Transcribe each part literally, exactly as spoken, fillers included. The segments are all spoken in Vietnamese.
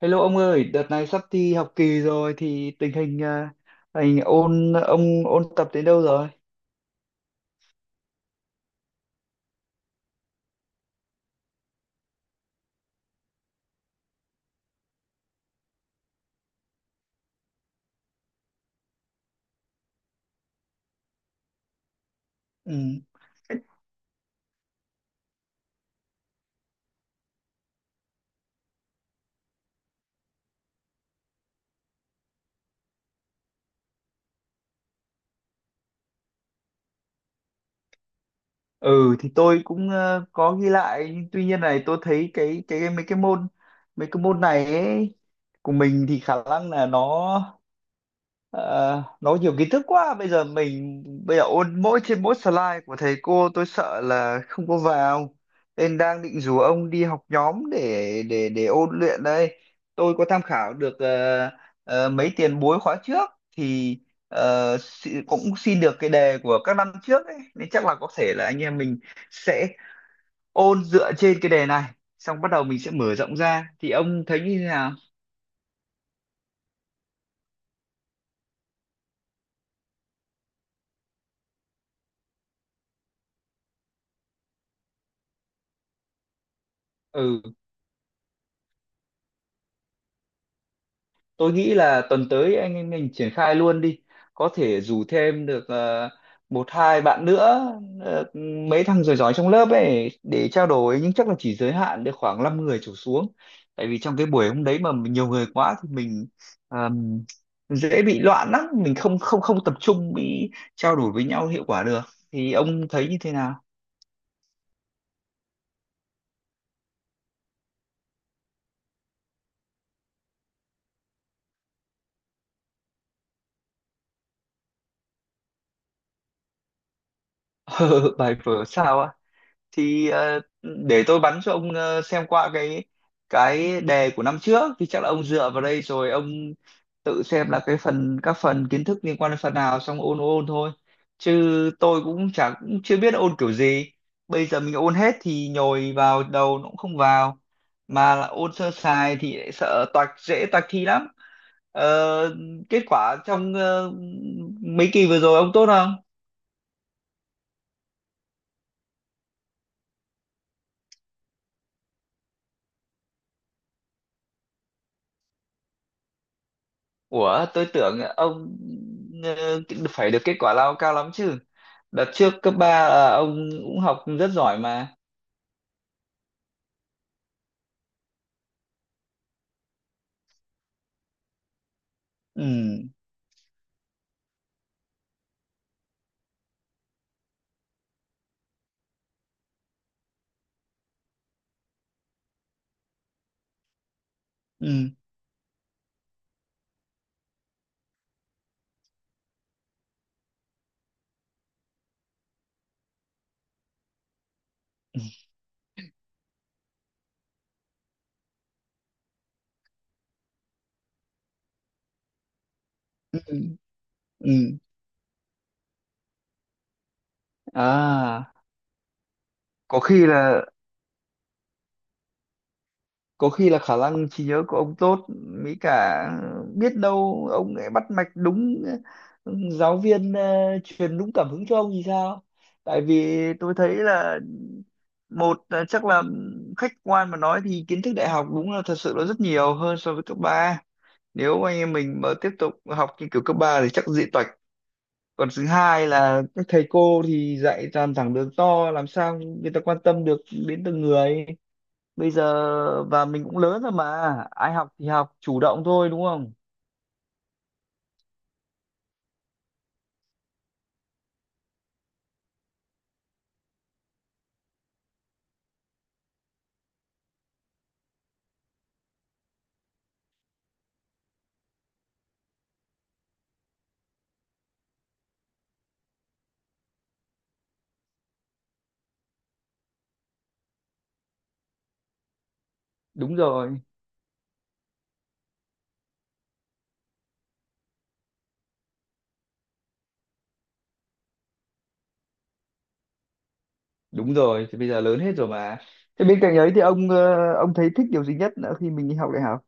Hello ông ơi, đợt này sắp thi học kỳ rồi thì tình hình à, anh ôn ông ôn tập đến đâu rồi? Ừ. Ừ thì tôi cũng ờ, có ghi lại nhưng tuy nhiên này tôi thấy cái cái mấy cái môn mấy cái môn này ấy, của mình thì khả năng là nó Ờ, nói nhiều kiến thức quá bây giờ mình bây giờ ôn mỗi trên mỗi slide của thầy cô tôi sợ là không có vào, nên đang định rủ ông đi học nhóm để để để ôn luyện đây. Tôi có tham khảo được ờ, ờ, mấy tiền bối khóa trước thì, ờ, xi- cũng xin được cái đề của các năm trước ấy, nên chắc là có thể là anh em mình sẽ ôn dựa trên cái đề này, xong bắt đầu mình sẽ mở rộng ra, thì ông thấy như thế nào? Ừ, tôi nghĩ là tuần tới anh em mình triển khai luôn đi, có thể rủ thêm được ờ, một hai bạn nữa, ờ, mấy thằng giỏi giỏi trong lớp ấy để trao đổi, nhưng chắc là chỉ giới hạn được khoảng năm người trở xuống, tại vì trong cái buổi hôm đấy mà nhiều người quá thì mình ờm, dễ bị loạn lắm, mình không không không tập trung bị trao đổi với nhau hiệu quả được, thì ông thấy như thế nào? Bài vở sao ạ? Thì ờ, để tôi bắn cho ông, ờ, xem qua cái cái đề của năm trước thì chắc là ông dựa vào đây rồi ông tự xem là cái phần các phần kiến thức liên quan đến phần nào xong ôn ôn thôi, chứ tôi cũng chẳng cũng chưa biết ôn kiểu gì. Bây giờ mình ôn hết thì nhồi vào đầu nó cũng không vào, mà là ôn sơ sài thì lại sợ toạc, dễ toạc thi lắm. Ờ, Kết quả trong ờ, mấy kỳ vừa rồi ông tốt không? Ủa, tôi tưởng ông ờ, phải được kết quả lao cao lắm chứ. Đợt trước cấp ba ông cũng học rất giỏi mà. Ừ, ừ, ừ, ừ. Ừ. À, có khi là, có khi là khả năng trí nhớ của ông tốt mới cả biết đâu ông lại bắt mạch đúng, ừ, giáo viên ờ, truyền đúng cảm hứng cho ông thì sao. Tại vì tôi thấy là, một là chắc là khách quan mà nói thì kiến thức đại học đúng là thật sự là rất nhiều hơn so với cấp ba, nếu anh em mình mà tiếp tục học như kiểu cấp ba thì chắc dị toạch. Còn thứ hai là các thầy cô thì dạy toàn thẳng đường to, làm sao người ta quan tâm được đến từng người. Bây giờ và mình cũng lớn rồi mà, ai học thì học chủ động thôi, đúng không? Đúng rồi. Đúng rồi, thì bây giờ lớn hết rồi mà. Thế bên cạnh ấy thì ông, ờ, ông thấy thích điều gì nhất nữa khi mình đi học đại học?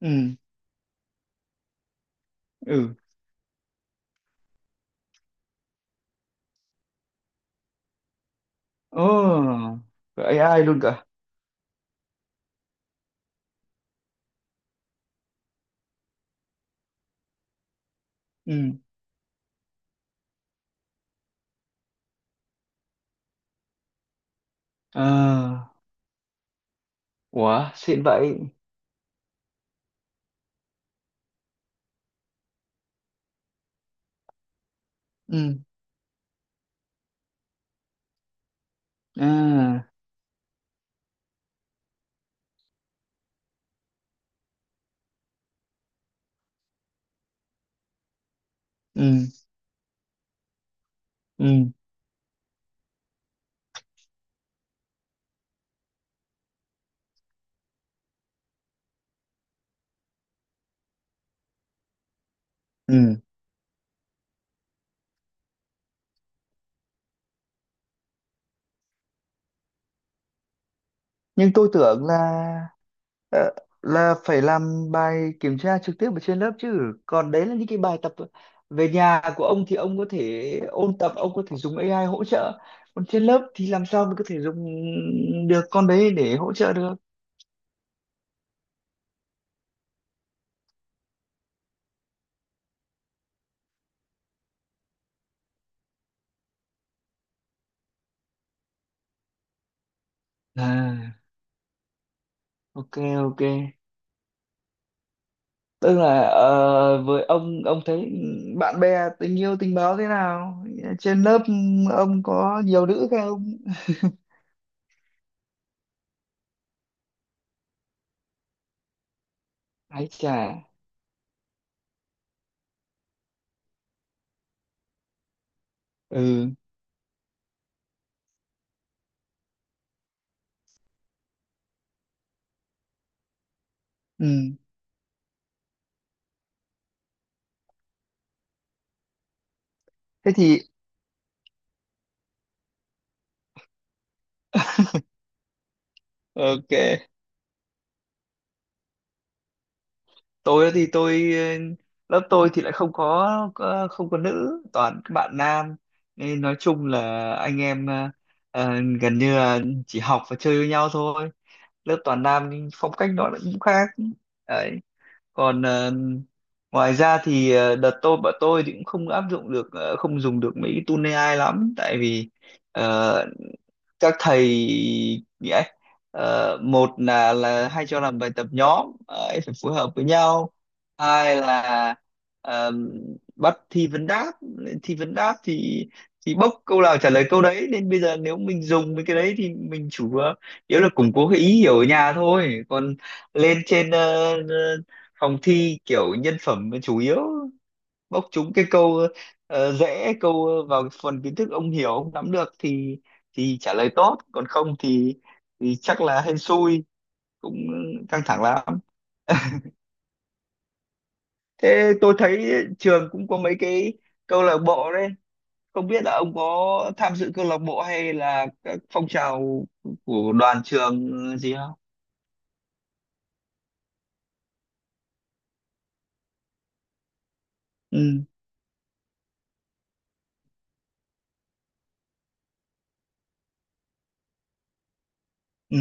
Ừ. Ừ. Ồ. Oh, a i luôn cả. Ừ. À. Ủa, xịn vậy. Ừ. À. Ừ. Ừ. Ừ. Nhưng tôi tưởng là, Ờ, là phải làm bài kiểm tra trực tiếp ở trên lớp chứ, còn đấy là những cái bài tập về nhà của ông thì ông có thể ôn tập, ông có thể dùng a i hỗ trợ. Còn trên lớp thì làm sao mình có thể dùng được con đấy để hỗ trợ được. À, ok, ok, tức là ờ, với ông ông thấy bạn bè, tình yêu tình báo thế nào trên lớp? Ông có nhiều nữ không? Ấy chà. Ừ. Ừ. Thế thì ok. Tôi thì tôi, lớp tôi thì lại không có, có- không có nữ, toàn các bạn nam, nên nói chung là anh em, ờ, ờ, gần như là chỉ học và chơi với nhau thôi. Lớp toàn nam nhưng phong cách nó lại cũng khác đấy. Còn ờ, ngoài ra thì, ờ, đợt tôi bọn tôi thì cũng không áp dụng được, ờ, không dùng được mấy cái tool a i lắm, tại vì ờ, các thầy nghĩa, ờ, một là là hay cho làm bài tập nhóm ấy, phải phối hợp với nhau. Hai là ờm, bắt thi vấn đáp. Thi vấn đáp thì thì bốc câu nào trả lời câu đấy, nên bây giờ nếu mình dùng mấy cái đấy thì mình chủ yếu yếu là củng cố cái ý hiểu ở nhà thôi, còn lên trên, ờ, ờ, phòng thi kiểu nhân phẩm chủ yếu, bốc trúng cái câu ờ, dễ, câu vào phần kiến thức ông hiểu ông nắm được thì thì trả lời tốt, còn không thì thì chắc là hên xui, cũng căng thẳng lắm. Thế tôi thấy trường cũng có mấy cái câu lạc bộ đấy, không biết là ông có tham dự câu lạc bộ hay là các phong trào của đoàn trường gì không? Ừ. Ừ.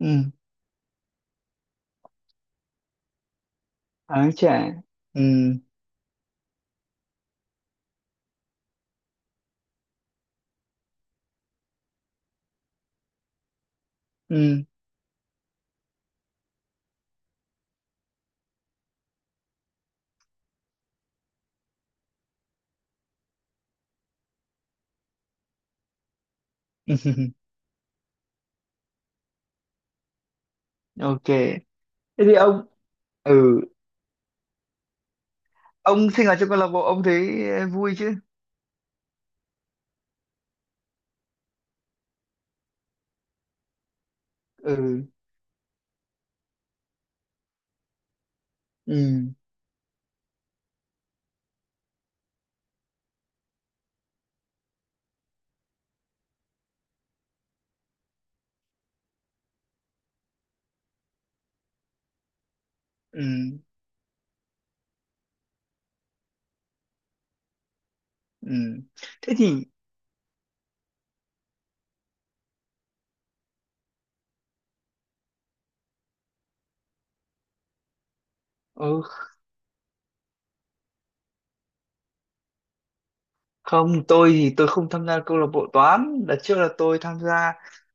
Ừ. Ái chà. Ừ. Ừ. Ok, thế thì ông, ừ, ông sinh hoạt trong câu lạc bộ ông thấy ờ, vui chứ? Ừ. Ừ. Ừ. Ừ. Thế thì, ừ, không tôi thì tôi không tham gia câu lạc bộ toán, đợt trước là tôi tham gia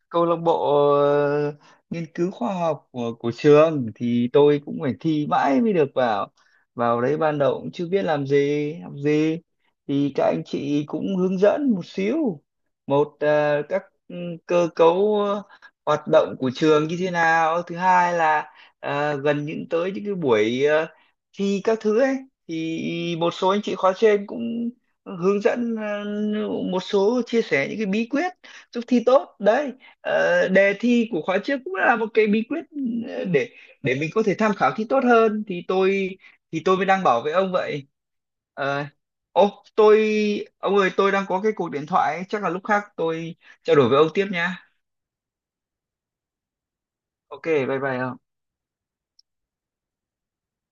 câu lạc bộ ờ, nghiên cứu khoa học của của trường, thì tôi cũng phải thi mãi mới được vào. Vào đấy ban đầu cũng chưa biết làm gì học gì, thì các anh chị cũng hướng dẫn một xíu một, ờ, các, ừ, cơ cấu ờ, hoạt động của trường như thế nào. Thứ hai là ờ, gần những tới những cái buổi ờ, thi các thứ ấy, thì một số anh chị khóa trên cũng hướng dẫn, ờ, một số chia sẻ những cái bí quyết giúp thi tốt đấy. Ờ, đề thi của khóa trước cũng là một cái bí quyết ờ, để để mình có thể tham khảo thi tốt hơn, thì tôi thì tôi mới đang bảo với ông vậy. Ờ, Ô tôi, ông ơi tôi đang có cái cuộc điện thoại ấy, chắc là lúc khác tôi trao đổi với ông tiếp nha. Ok, bye bye ông.